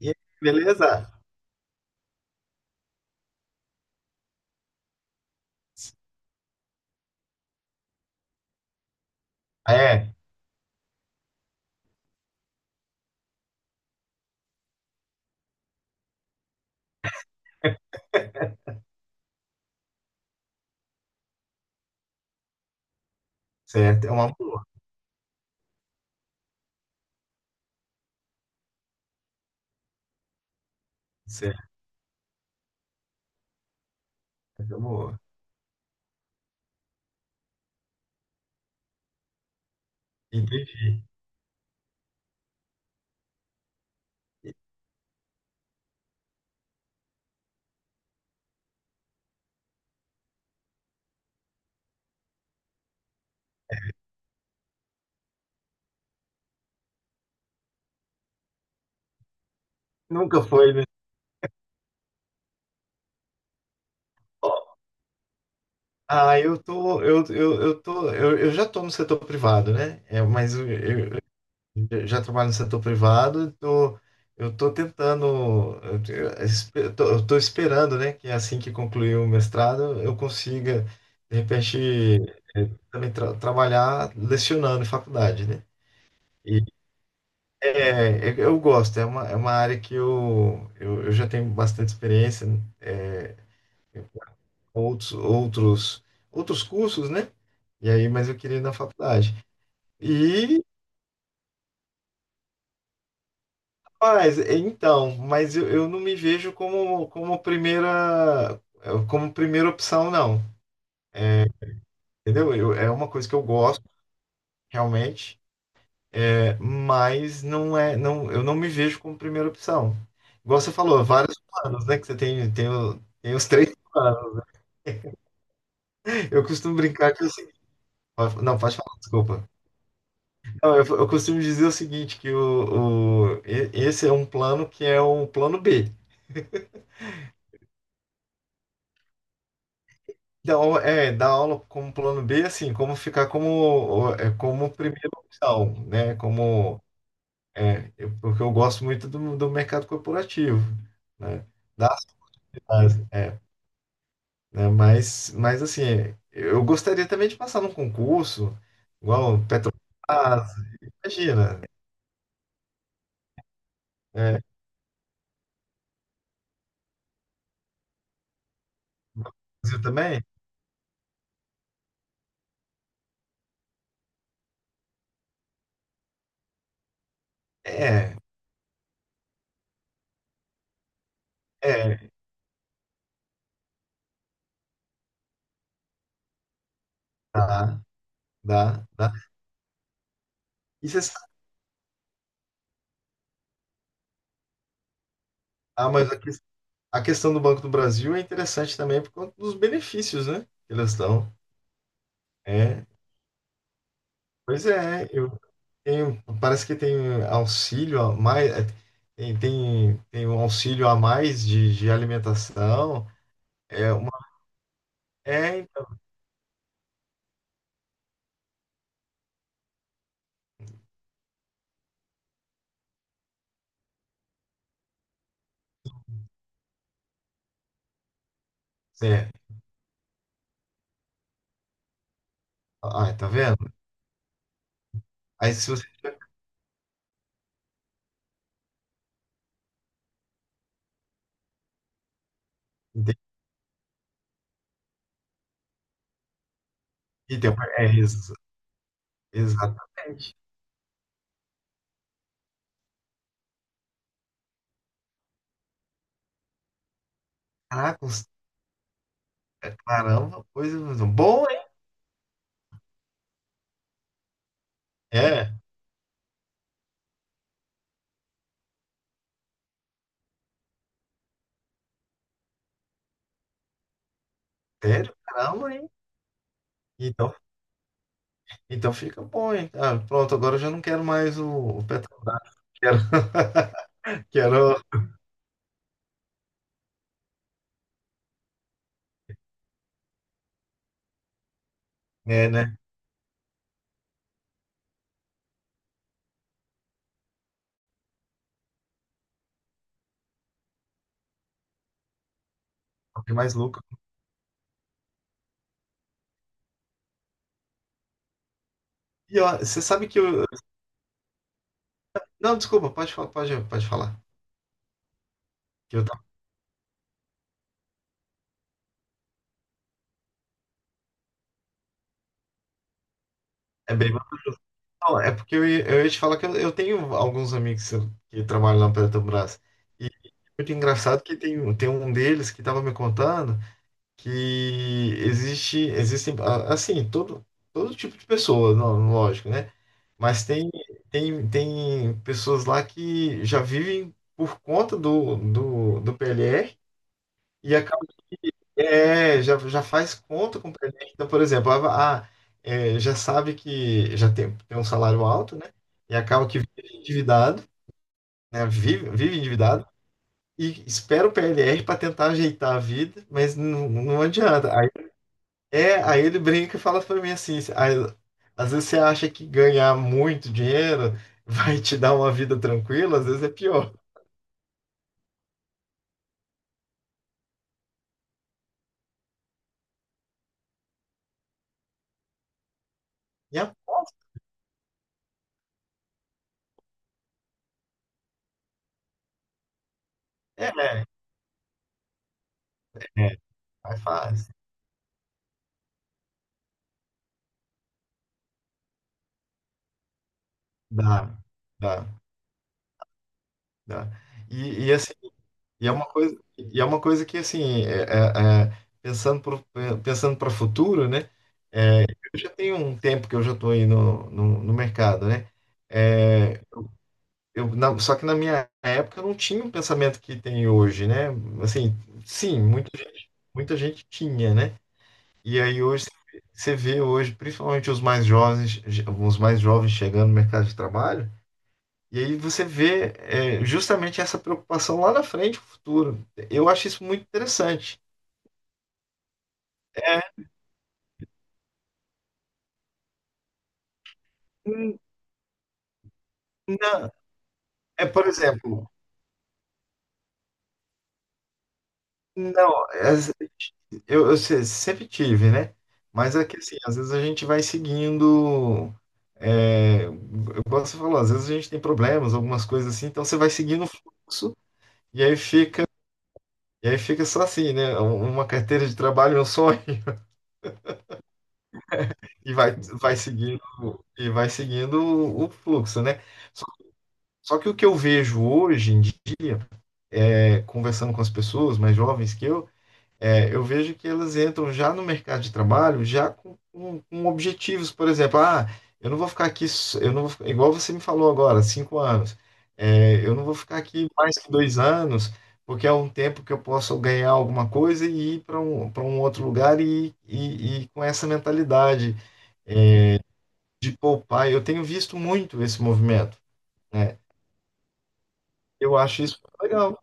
E aí, beleza? É, Certo, é uma boa. Certo, é uma boa. Entendi. Nunca foi, né? Ah, eu tô, eu tô, eu já tô no setor privado, né? Mas eu eu já trabalho no setor privado, tô, eu tô tentando, eu, te- eu espe- eu tô esperando, né, que assim que concluir o mestrado, eu consiga, de repente, eh, também trabalhar lecionando em faculdade, né? Eu gosto, é uma área que eu já tenho bastante experiência, é, outros, outros, outros cursos, né? E aí, mas eu queria ir na faculdade. E, mas, então, mas eu não me vejo como, como primeira opção, não. Entendeu? Eu, é uma coisa que eu gosto, realmente, é, mas não é, não, eu não me vejo como primeira opção. Igual você falou, vários planos, né? Que você tem, tem, tem os três. Eu costumo brincar que é o seguinte. Não, pode falar, desculpa. Não, eu costumo dizer o seguinte, que esse é um plano que é o plano B. Então, é, dar aula como plano B, assim, como ficar como, é, como primeira opção, né? Como, é, porque eu gosto muito do, do mercado corporativo, né? Das áreas, é, né? Mas, assim, eu gostaria também de passar num concurso, igual Petrobras, imagina, é, no Brasil também. É, é, dá, dá. E você sabe, ah, a questão do Banco do Brasil é interessante também por conta dos benefícios, né? Que eles dão. É, pois é, eu tenho, parece que tem auxílio a mais, é, tem um auxílio a mais de alimentação. É, uma, é, então, é, ah, tá vendo? Aí se você entende, então, é, exatamente. Caraca, os- é, caramba, coisa boa, hein? É, sério, caramba, hein? Então, então fica bom, hein? Ah, pronto, agora eu já não quero mais o Petrobras. Quero, quero, é, né? O que mais lucro. E ó, você sabe que eu. Não, desculpa, pode falar. Que eu tava- É bem. Não, é porque eu ia te falar que eu tenho alguns amigos que trabalham lá na Petrobras. E é muito engraçado que tem, tem um deles que estava me contando que existe, existem, ah, assim, todo, todo tipo de pessoa, não, lógico, né? Mas tem, tem, tem pessoas lá que já vivem por conta do PLR e acaba, é, já, já faz conta com o PLR. Então, por exemplo, ah, ah, é, já sabe que já tem, tem um salário alto, né? E acaba que vive endividado, né? Vive, vive endividado e espera o PLR para tentar ajeitar a vida, mas não, não adianta. É, aí ele brinca e fala pra mim assim, aí, às vezes você acha que ganhar muito dinheiro vai te dar uma vida tranquila, às vezes é pior. E aposta, é, é, é, faz, dá, dá, dá. E, e assim, e é uma coisa, e é uma coisa que assim, é, pensando pensando para o futuro, né? É, eu já tenho um tempo que eu já estou aí no mercado, né? É, eu, só que na minha época eu não tinha o pensamento que tem hoje, né? Assim, sim, muita, muita gente tinha, né? E aí hoje você vê hoje, principalmente os mais jovens chegando no mercado de trabalho, e aí você vê é, justamente essa preocupação lá na frente, no futuro. Eu acho isso muito interessante. É, hum, não, é por exemplo, não, é, eu, sempre tive, né? Mas é que assim, às vezes a gente vai seguindo. É, eu gosto de falar, às vezes a gente tem problemas, algumas coisas assim, então você vai seguindo o fluxo e aí fica, e aí fica só assim, né? Uma carteira de trabalho, é um sonho, e vai, vai seguindo, e vai seguindo o fluxo, né? Só, só que o que eu vejo hoje em dia, é, conversando com as pessoas mais jovens que eu, é, eu vejo que elas entram já no mercado de trabalho, já com, com objetivos, por exemplo, ah, eu não vou ficar aqui, eu não vou, igual você me falou agora, 5 anos, é, eu não vou ficar aqui mais que 2 anos, porque é um tempo que eu posso ganhar alguma coisa e ir para um outro lugar e com essa mentalidade de poupar. Eu tenho visto muito esse movimento, né? Eu acho isso legal.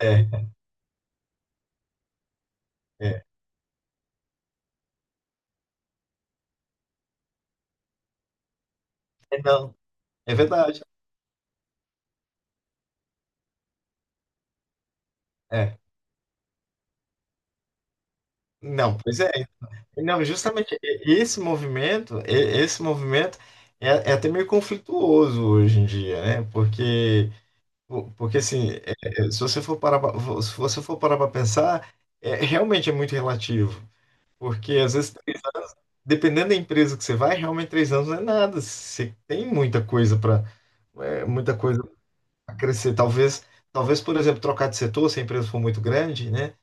É, é, é não, é verdade. É, não, pois é. Não, justamente esse movimento, esse movimento é, é até meio conflituoso hoje em dia, né? Porque, porque assim, é, se você for parar, se você for parar para pensar, é, realmente é muito relativo, porque às vezes dependendo da empresa que você vai, realmente 3 anos não é nada. Você tem muita coisa para crescer. Talvez, talvez, por exemplo, trocar de setor se a empresa for muito grande, né?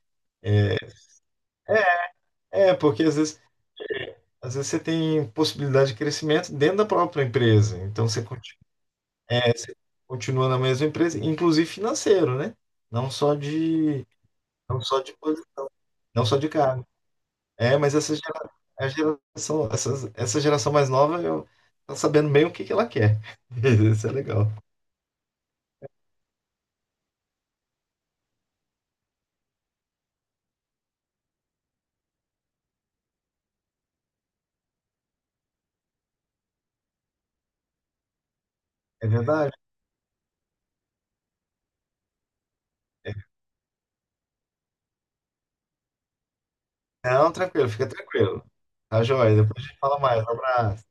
É, porque às vezes às vezes você tem possibilidade de crescimento dentro da própria empresa. Então você é, você continua na mesma empresa, inclusive financeiro, né? Não só de, não só de, posi- não só de cargo. É, mas essa a geração, essa geração mais nova eu, tá sabendo bem o que que ela quer. Isso é legal. É verdade. Não, tranquilo, fica tranquilo. Tá joia. Depois a gente fala mais. Um abraço.